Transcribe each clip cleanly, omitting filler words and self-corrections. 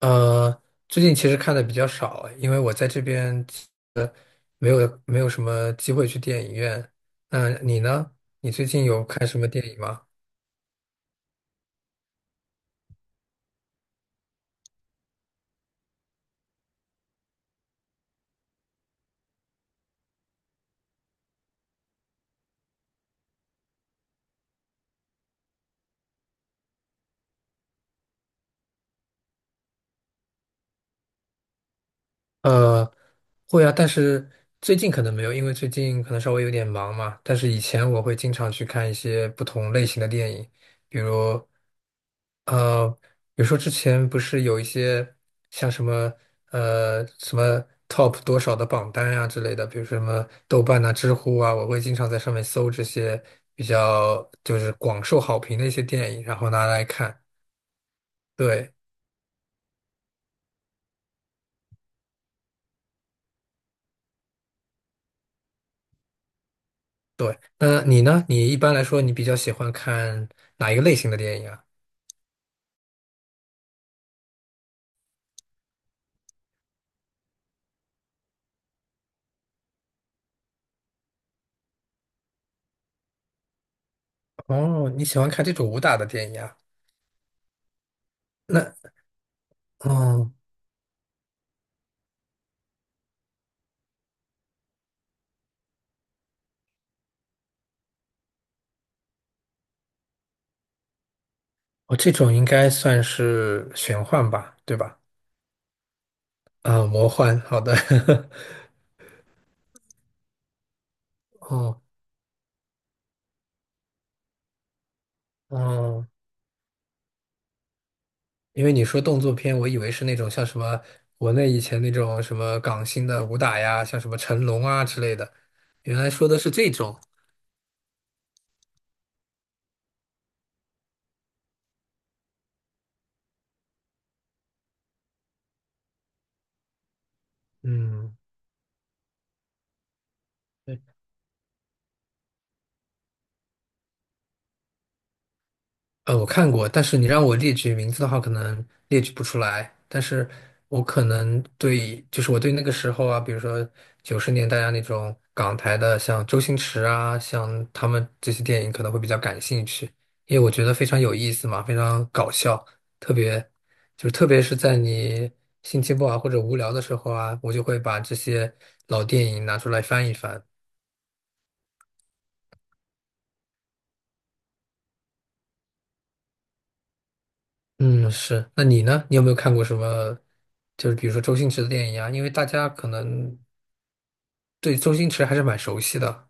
呃，最近其实看的比较少，因为我在这边没有什么机会去电影院。那你呢？你最近有看什么电影吗？呃，会啊，但是最近可能没有，因为最近可能稍微有点忙嘛。但是以前我会经常去看一些不同类型的电影，比如，呃，比如说之前不是有一些像什么呃什么 top 多少的榜单啊之类的，比如说什么豆瓣啊、知乎啊，我会经常在上面搜这些比较就是广受好评的一些电影，然后拿来看。对。对，那你呢？你一般来说，你比较喜欢看哪一个类型的电影啊？哦，你喜欢看这种武打的电影啊？那，哦，我这种应该算是玄幻吧，对吧？啊，魔幻，好的。哦，哦，因为你说动作片，我以为是那种像什么国内以前那种什么港星的武打呀，像什么成龙啊之类的，原来说的是这种。嗯。对。我看过，但是你让我列举名字的话，可能列举不出来。但是我可能对，就是我对那个时候啊，比如说九十年代啊那种港台的，像周星驰啊，像他们这些电影可能会比较感兴趣，因为我觉得非常有意思嘛，非常搞笑，特别就是特别是在你心情不好或者无聊的时候啊，我就会把这些老电影拿出来翻一翻。嗯，是。那你呢？你有没有看过什么，就是比如说周星驰的电影啊？因为大家可能对周星驰还是蛮熟悉的。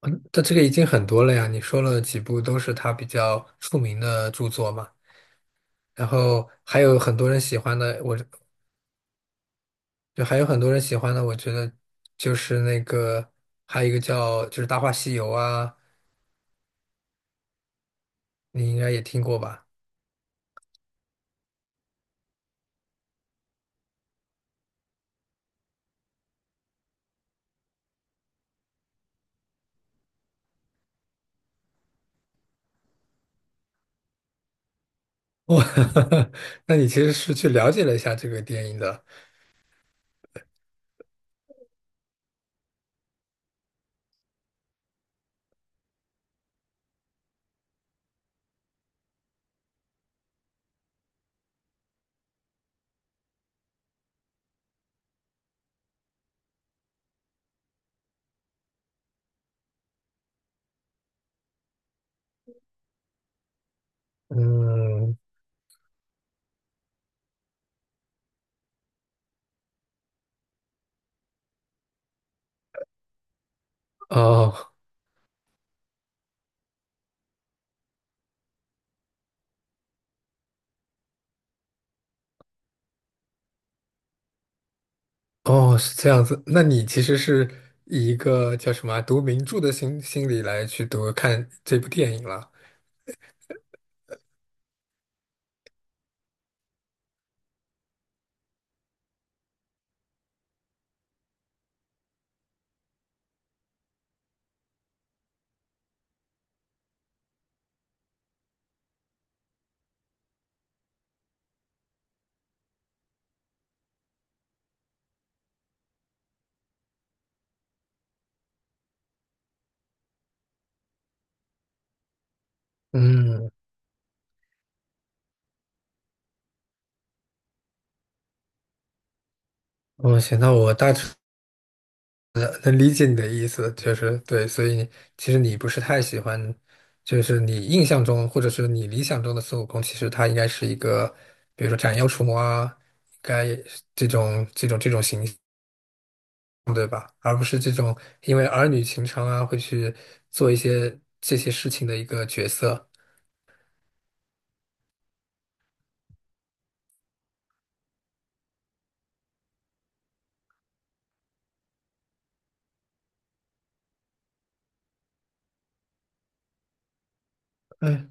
嗯，但这个已经很多了呀。你说了几部都是他比较出名的著作嘛。然后还有很多人喜欢的，我还有很多人喜欢的，我觉得就是那个还有一个叫就是《大话西游》啊，你应该也听过吧？哇，那你其实是去了解了一下这个电影的。嗯，哦，哦，是这样子。那你其实是以一个叫什么啊读名著的心理来去读看这部电影了。嗯，哦，行，那我大致能理解你的意思，就是对，所以其实你不是太喜欢，就是你印象中或者是你理想中的孙悟空，其实他应该是一个，比如说斩妖除魔啊，应该这种这种形象，而不是这种因为儿女情长啊会去做一些这些事情的一个角色。嗯。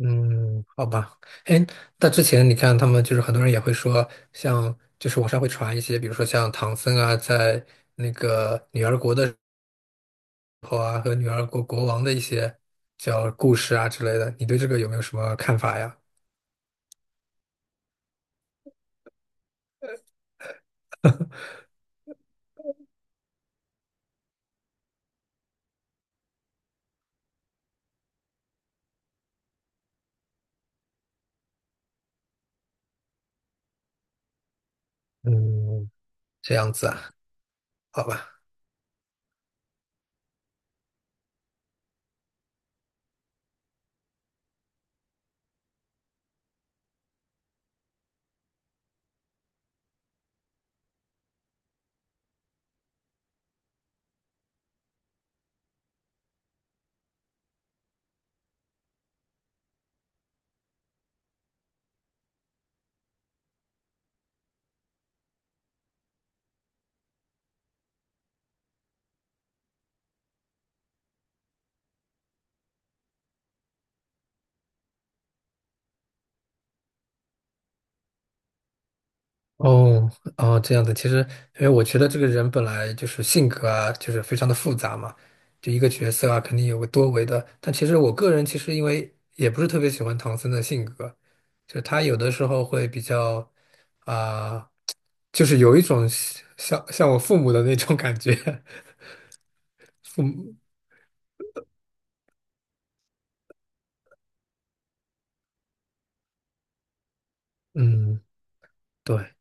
嗯，好吧，哎，那之前你看他们就是很多人也会说，像就是网上会传一些，比如说像唐僧啊，在那个女儿国的时候啊，和女儿国国王的一些叫故事啊之类的，你对这个有没有什么看法呀？嗯，这样子啊，好吧。哦哦，这样子，其实因为我觉得这个人本来就是性格啊，就是非常的复杂嘛，就一个角色啊，肯定有个多维的。但其实我个人其实因为也不是特别喜欢唐僧的性格，就是他有的时候会比较啊、就是有一种像我父母的那种感觉。父母，嗯，对，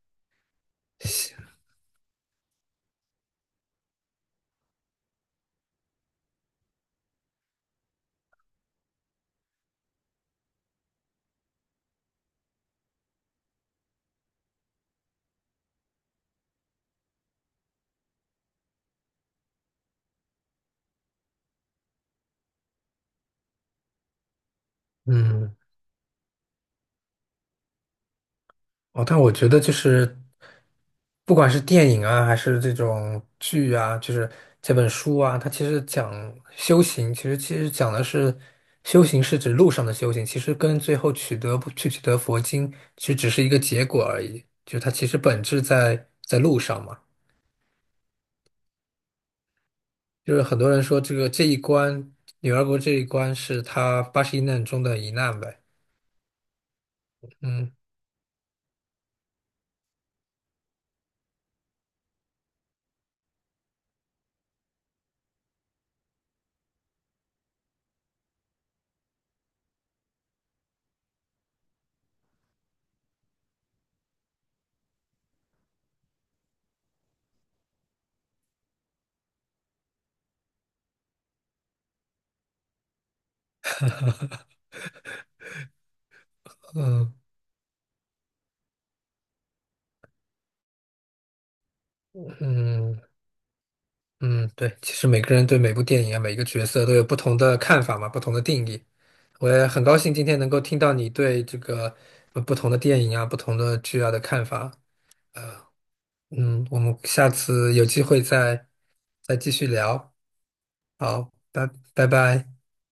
嗯。哦，但我觉得就是不管是电影啊，还是这种剧啊，就是这本书啊，它其实讲修行，其实讲的是修行是指路上的修行，其实跟最后取得不去取得佛经，其实只是一个结果而已，就是它其实本质在路上嘛。就是很多人说这个这一关，女儿国这一关是他81难中的一难呗。嗯嗯嗯，嗯，对，其实每个人对每部电影啊，每个角色都有不同的看法嘛，不同的定义。我也很高兴今天能够听到你对这个不同的电影啊、不同的剧啊的看法。嗯，我们下次有机会再继续聊。好，拜拜。